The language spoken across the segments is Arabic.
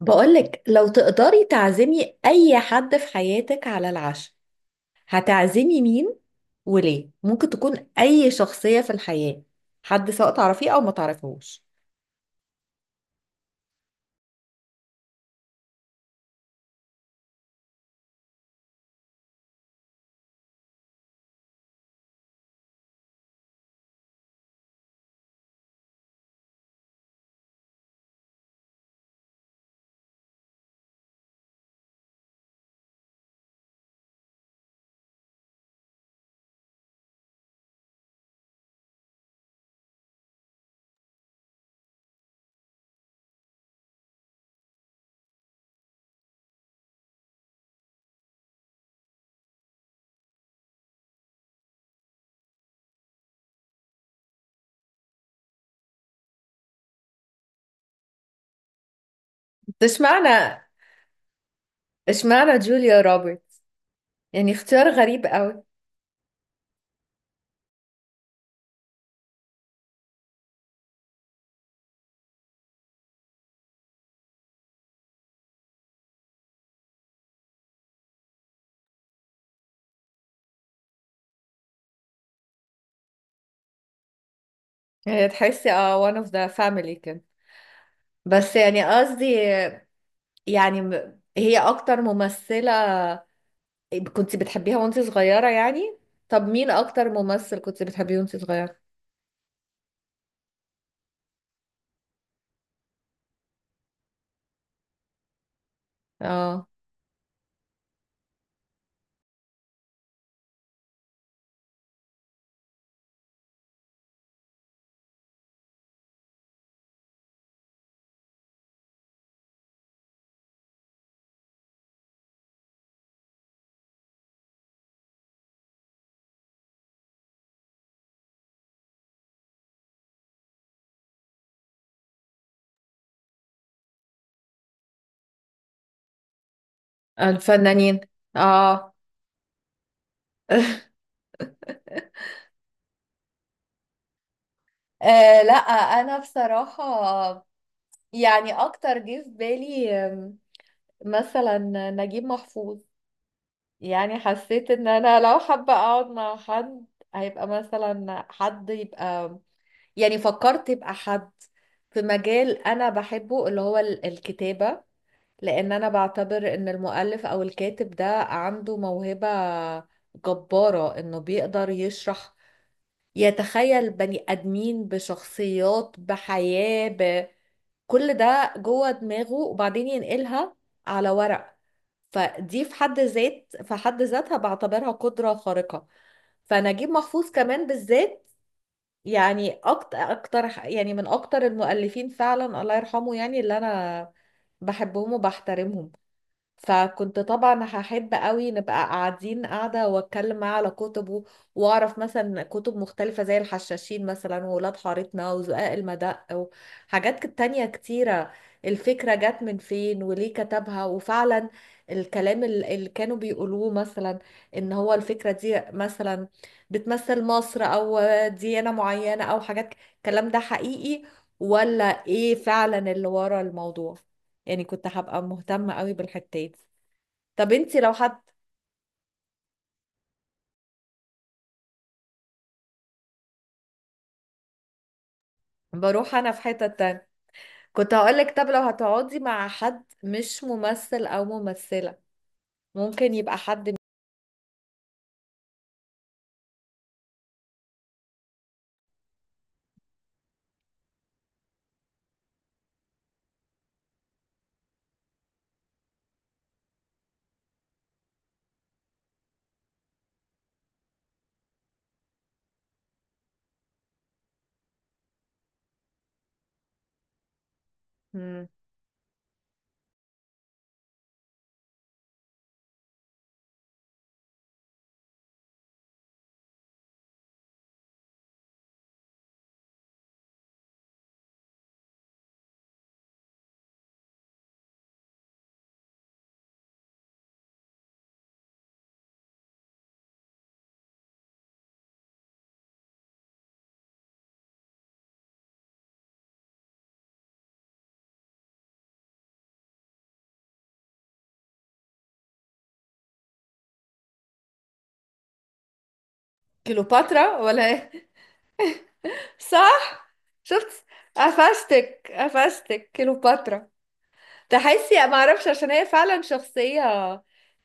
بقولك، لو تقدري تعزمي أي حد في حياتك على العشاء، هتعزمي مين وليه؟ ممكن تكون أي شخصية في الحياة، حد سواء تعرفيه أو ما تعرفيهوش. بس اشمعنى اشمعنى جوليا روبرت؟ اختيار غريب قوي. هي تحسي اه one of the family كده؟ بس قصدي، هي اكتر ممثلة كنت بتحبيها وانت صغيرة طب مين اكتر ممثل كنت بتحبيه وانت صغيرة؟ اه الفنانين، اه. آه لا، انا بصراحة اكتر جه في بالي مثلا نجيب محفوظ. حسيت ان انا لو حابة اقعد مع حد، هيبقى مثلا حد يبقى، فكرت يبقى حد في مجال انا بحبه، اللي هو الكتابة. لان انا بعتبر ان المؤلف او الكاتب ده عنده موهبة جبارة، انه بيقدر يشرح، يتخيل بني آدمين بشخصيات بحياة بكل ده جوه دماغه وبعدين ينقلها على ورق. فدي في حد ذاتها بعتبرها قدرة خارقة. فنجيب محفوظ كمان بالذات، يعني أكتر يعني من أكتر المؤلفين فعلا، الله يرحمه، يعني اللي أنا بحبهم وبحترمهم. فكنت طبعا هحب قوي نبقى قاعدة واتكلم معاه على كتبه، واعرف مثلا كتب مختلفة زي الحشاشين مثلا، وولاد حارتنا، وزقاق المدق، وحاجات تانية كتيرة. الفكرة جت من فين وليه كتبها، وفعلا الكلام اللي كانوا بيقولوه مثلا ان هو الفكرة دي مثلا بتمثل مصر او ديانة معينة او حاجات الكلام ده حقيقي ولا ايه فعلا اللي ورا الموضوع. يعني كنت هبقى مهتمة قوي بالحتات دي. طب انتي لو حد، بروح انا في حتة تانية. كنت هقولك، طب لو هتقعدي مع حد مش ممثل او ممثلة، ممكن يبقى حد. مم. كليوباترا ولا ايه؟ صح. شفت، قفشتك كليوباترا. تحسي ما اعرفش، عشان هي فعلا شخصية،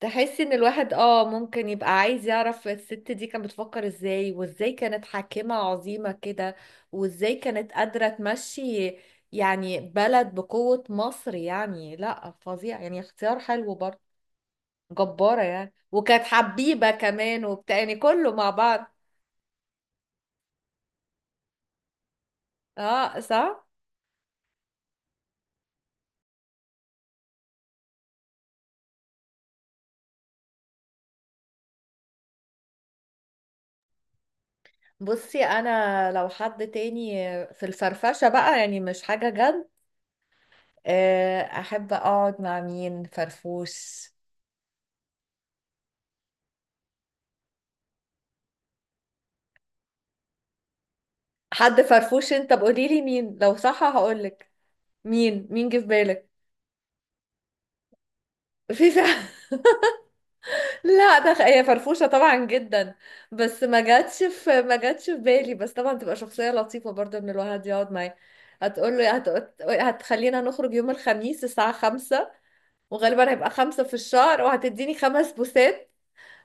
تحسي ان الواحد اه ممكن يبقى عايز يعرف الست دي كانت بتفكر ازاي، وازاي كانت حاكمة عظيمة كده، وازاي كانت قادرة تمشي يعني بلد بقوة مصر، يعني لا فظيع، يعني اختيار حلو برضه. جبارة يعني، وكانت حبيبة كمان وبتاع، يعني كله مع بعض. اه صح. بصي انا لو حد تاني في الفرفشة بقى، يعني مش حاجة جد، احب اقعد مع مين فرفوش. حد فرفوش، انت بقولي لي مين، لو صح هقولك. مين مين جه في بالك؟ في فعلا. لا، ده هي فرفوشة طبعا جدا، بس ما جاتش في بالي. بس طبعا تبقى شخصية لطيفة برضه ان الواحد يقعد معاه. هتقول له هتخلينا نخرج يوم الخميس الساعة خمسة، وغالبا هيبقى خمسة في الشهر، وهتديني خمس بوسات،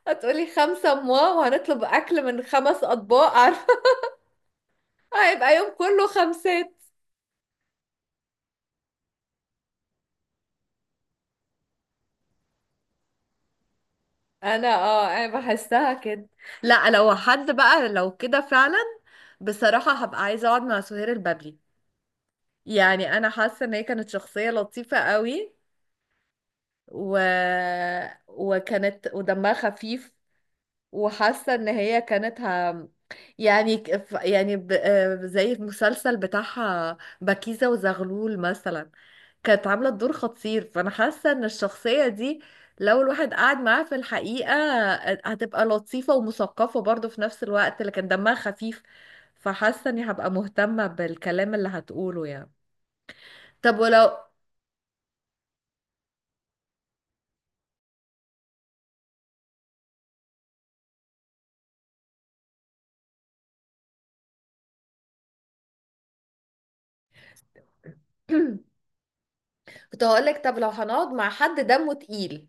هتقولي خمسة موا، وهنطلب أكل من خمس أطباق. عارفة، هيبقى يوم كله خمسات. انا اه انا بحسها كده. لا، لو حد بقى لو كده فعلا، بصراحة هبقى عايزة اقعد مع سهير البابلي. يعني انا حاسة ان هي كانت شخصية لطيفة قوي، و... وكانت ودمها خفيف، وحاسة ان هي كانت يعني يعني ب... آه، زي المسلسل بتاعها بكيزة وزغلول مثلا، كانت عاملة الدور خطير. فأنا حاسة إن الشخصية دي لو الواحد قعد معاها في الحقيقة هتبقى لطيفة ومثقفة برضه في نفس الوقت، لكن دمها خفيف، فحاسة إني هبقى مهتمة بالكلام اللي هتقوله يعني. طب ولو، كنت هقولك، طب لو هنقعد مع حد دمه تقيل،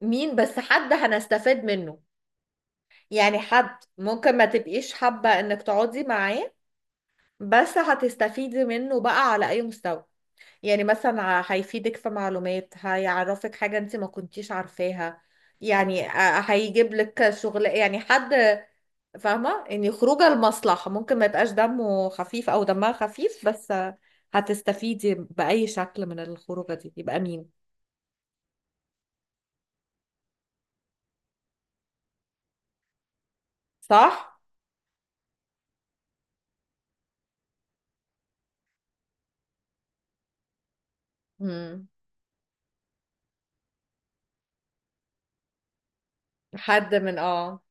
مين بس حد هنستفاد منه، يعني حد ممكن ما تبقيش حابة إنك تقعدي معاه، بس هتستفيدي منه بقى على أي مستوى. يعني مثلا هيفيدك في معلومات، هيعرفك حاجة انت ما كنتيش عارفاها، يعني هيجيب لك شغل، يعني حد فاهمة، يعني خروجه لمصلحة، ممكن ما يبقاش دمه خفيف او دمها خفيف، بس هتستفيدي بأي شكل من الخروجة دي، يبقى مين. صح؟ مم. حد من اه،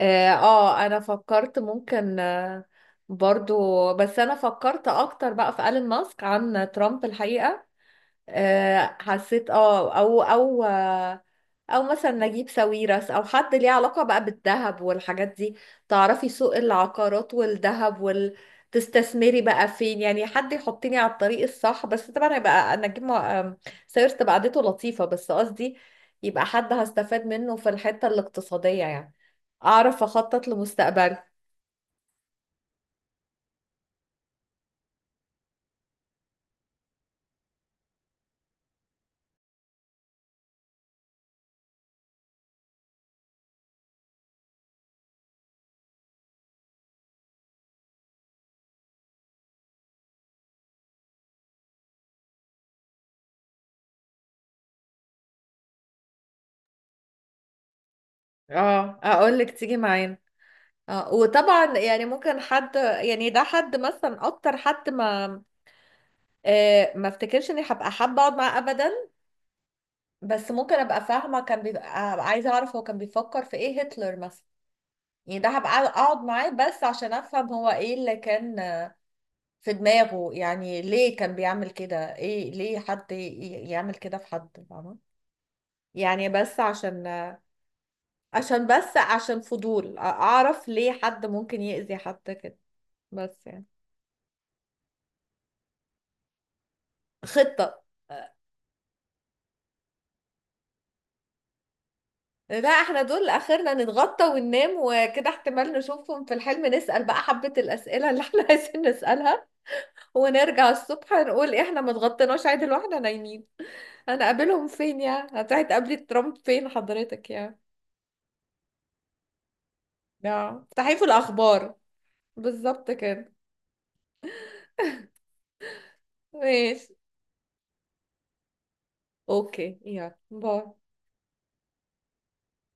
اه انا فكرت ممكن برضو، بس انا فكرت اكتر بقى في ألين ماسك عن ترامب الحقيقة. حسيت اه او مثلا نجيب ساويرس، او حد ليه علاقة بقى بالذهب والحاجات دي، تعرفي سوق العقارات والذهب وال، تستثمري بقى فين، يعني حد يحطني على الطريق الصح. بس طبعا هيبقى انا اجيب مع- آم، ساويرس، تبقى قعدته لطيفة، بس قصدي يبقى حد هستفاد منه في الحتة الاقتصادية يعني، اعرف اخطط لمستقبلي. اه اقول لك تيجي معانا. اه وطبعا يعني ممكن حد، يعني ده حد مثلا اكتر حد ما ما افتكرش اني هبقى حابه اقعد معاه ابدا، بس ممكن ابقى فاهمه كان بيبقى، هبقى عايزه اعرف هو كان بيفكر في ايه، هتلر مثلا. يعني ده هبقى اقعد معاه بس عشان افهم هو ايه اللي كان في دماغه، يعني ليه كان بيعمل كده، ايه ليه حد يعمل كده في حد فاهمه؟ يعني بس عشان عشان عشان فضول، اعرف ليه حد ممكن يأذي حد كده بس يعني. خطة. لا، احنا دول اخرنا نتغطى وننام وكده، احتمال نشوفهم في الحلم، نسأل بقى حبة الأسئلة اللي احنا عايزين نسألها، ونرجع الصبح نقول إيه احنا ما اتغطيناش عدل واحنا نايمين. انا قابلهم فين يعني، هتروحي تقابلي ترامب فين حضرتك يعني؟ اه صحيفة الأخبار. بالظبط كده. ماشي. اوكي، يلا باي.